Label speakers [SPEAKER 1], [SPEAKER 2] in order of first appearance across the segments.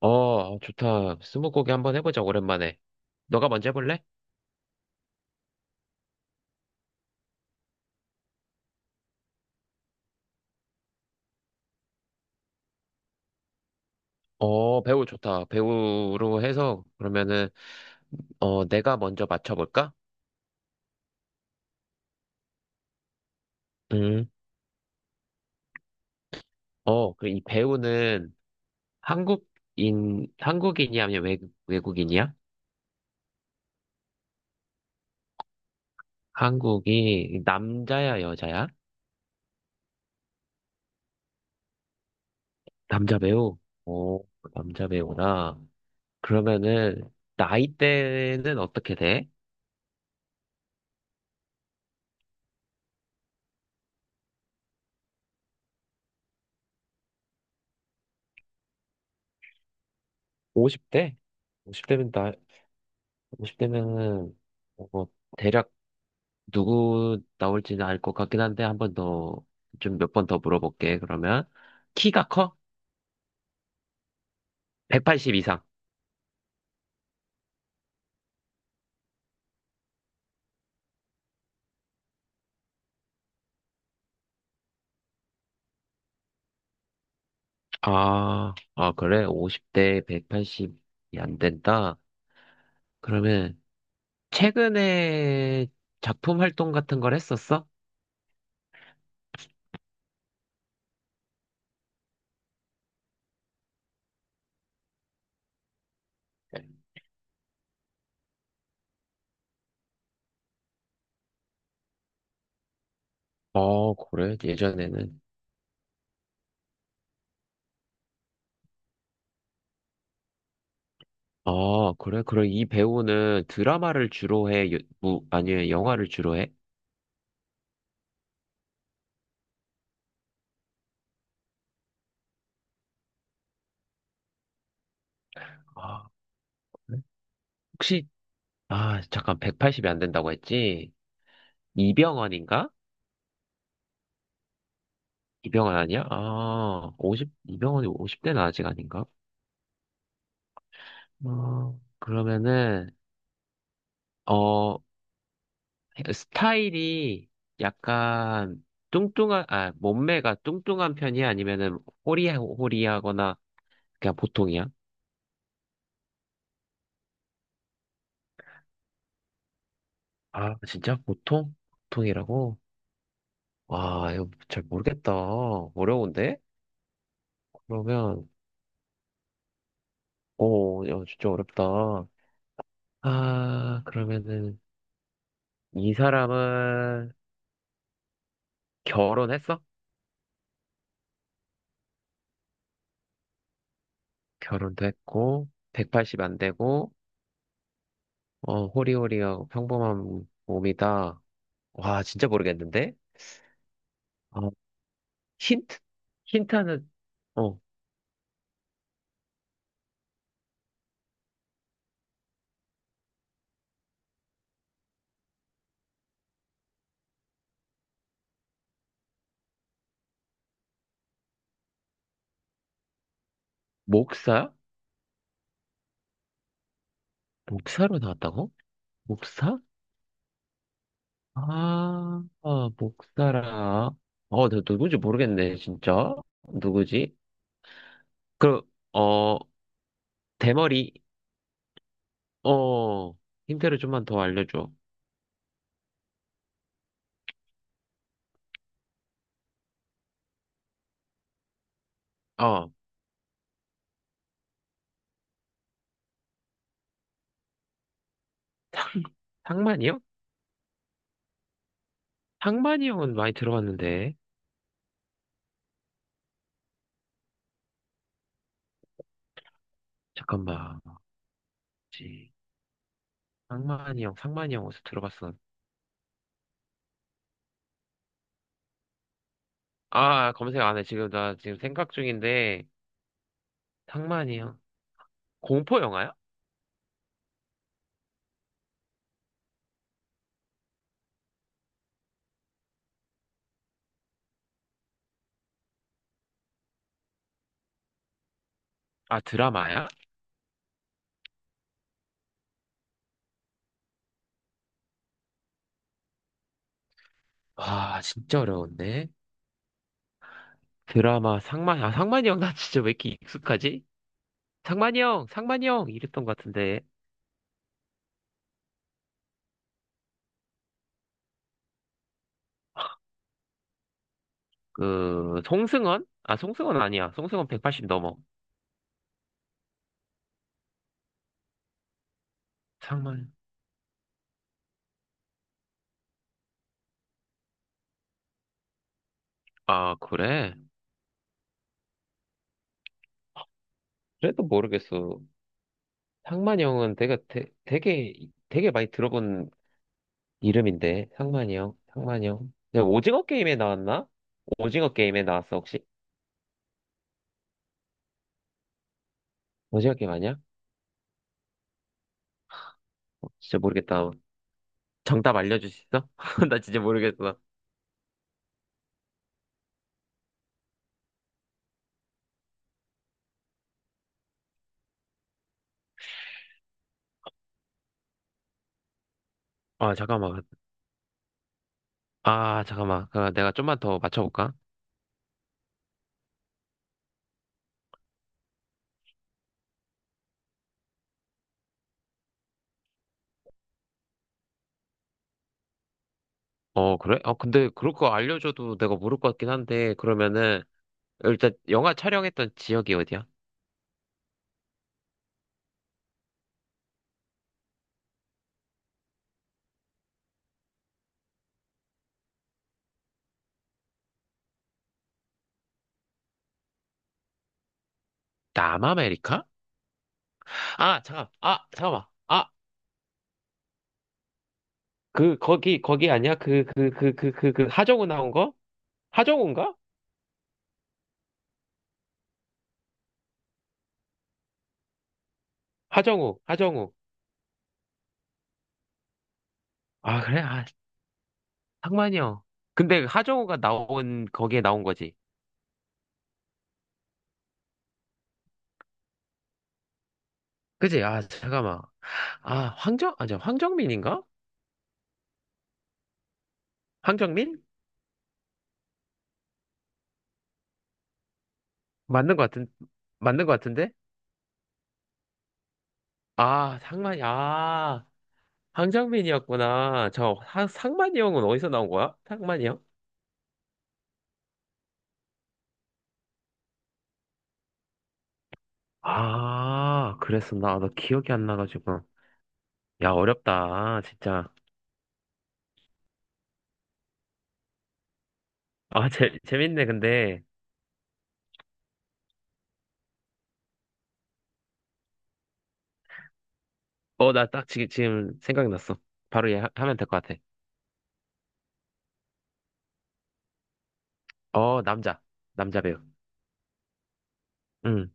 [SPEAKER 1] 어, 좋다. 스무고개 한번 해보자, 오랜만에. 너가 먼저 해볼래? 어, 배우 좋다. 배우로 해서, 그러면은, 내가 먼저 맞춰볼까? 음. 어, 그리이 배우는 한국인이야, 아니면 외국인이야? 한국이 남자야, 여자야? 남자 배우? 오, 남자 배우라. 그러면은, 나이대는 어떻게 돼? 50대? 50대면 나, 50대면은 뭐, 대략 누구 나올지는 알 것 같긴 한데 한 번 더, 좀 몇 번 더 물어볼게. 그러면 키가 커? 180 이상. 아, 그래? 50대 180이 안 된다. 그러면 최근에 작품 활동 같은 걸 했었어? 어, 그래? 예전에는. 아, 그래? 그럼 이 배우는 드라마를 주로 해? 뭐, 아니면 영화를 주로 해? 아, 그래? 혹시, 아, 잠깐, 180이 안 된다고 했지? 이병헌인가? 이병헌 아니야? 아, 오십 이병헌이 50대는 아직 아닌가? 아, 그러면은, 어, 스타일이 약간 뚱뚱한, 몸매가 뚱뚱한 편이야? 아니면은 호리하거나 그냥 보통이야? 아, 진짜? 보통? 보통이라고? 와, 이거 잘 모르겠다. 어려운데? 그러면, 오, 야, 진짜 어렵다. 아, 그러면은, 이 사람은 결혼했어? 결혼도 했고, 180 안 되고, 호리호리하고 평범한 몸이다. 와, 진짜 모르겠는데? 어, 힌트? 힌트는, 어, 목사? 목사로 나왔다고? 목사? 아, 목사라. 어, 나 누구지 모르겠네, 진짜. 누구지? 그, 어, 대머리, 어, 힌트를 좀만 더 알려줘. 어, 상만이 형? 상만이 형은 많이 들어봤는데. 잠깐만. 상만이 형, 상만이 형 어디서 들어봤어? 아, 검색 안 해. 지금 나 지금 생각 중인데, 상만이 형. 공포 영화야? 아, 드라마야? 와, 진짜 어려운데? 드라마, 상만이, 아, 상만이 형, 나 진짜 왜 이렇게 익숙하지? 상만이 형, 상만이 형! 이랬던 것 같은데. 그, 송승헌? 아, 송승헌 아니야. 송승헌 180 넘어. 상만. 아, 그래? 그래도 모르겠어. 상만이 형은 내가 되게 많이 들어본 이름인데 상만이 형, 상만이 형. 야, 오징어 게임에 나왔나? 오징어 게임에 나왔어 혹시? 오징어 게임 아니야? 어, 진짜 모르겠다. 정답 알려줄 수 있어? 나 진짜 모르겠어. 아 잠깐만. 아 잠깐만. 그, 내가 좀만 더 맞춰볼까? 어 그래? 어 근데 그럴 거 알려줘도 내가 모를 것 같긴 한데 그러면은 일단 영화 촬영했던 지역이 어디야? 남아메리카? 아 잠깐. 아 잠깐만. 아 그 거기 아니야? 그 하정우 나온 거? 하정우인가? 하정우, 하정우. 아, 그래? 아, 상만이요. 근데 하정우가 거기에 나온 거지. 그지? 아, 잠깐만. 아, 아니, 황정민인가? 황정민? 맞는 것 같은, 맞는 것 같은데? 아, 상만이, 아, 황정민이었구나. 상만이 형은 어디서 나온 거야? 상만이 형? 아, 그랬었나? 아, 나 기억이 안 나가지고. 야, 어렵다, 진짜. 아, 재밌네, 근데. 어, 나 딱 지금 생각났어. 바로 얘 하, 면 될 것 같아. 어, 남자. 남자 배우. 응.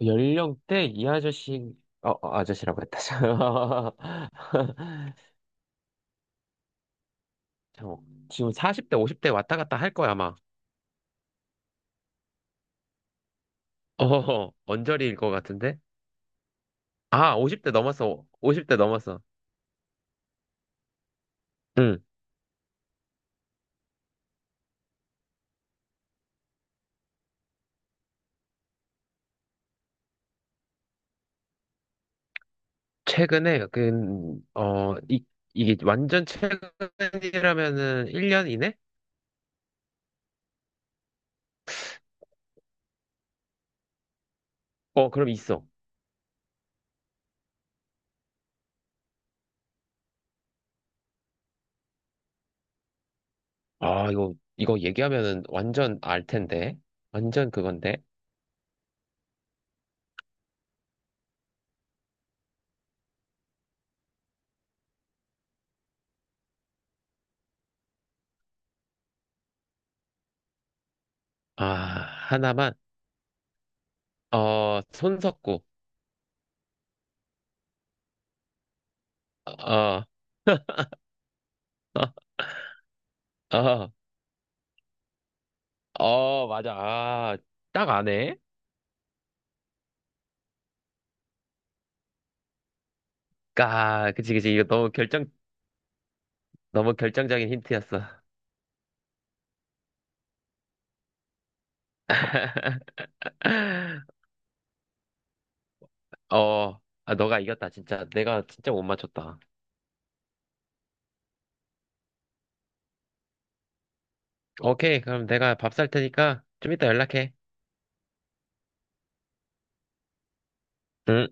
[SPEAKER 1] 연령대 이 아저씨, 아저씨라고 했다. 잠 지금 40대, 50대 왔다 갔다 할 거야, 아마. 어, 언저리일 것 같은데? 아, 50대 넘었어. 50대 넘었어. 응. 최근에, 어, 이, 이게 완전 최근이라면은 1년 이내? 어, 그럼 있어. 아, 이거 얘기하면은 완전 알 텐데. 완전 그건데. 아, 하나만. 어, 손석구. 어, 어. 어, 맞아. 아, 딱 아네. 아, 그치, 그치. 이거 너무 결정적인 힌트였어. 아, 너가 이겼다, 진짜. 내가 진짜 못 맞췄다. 오케이, 그럼 내가 밥 살 테니까 좀 이따 연락해. 응.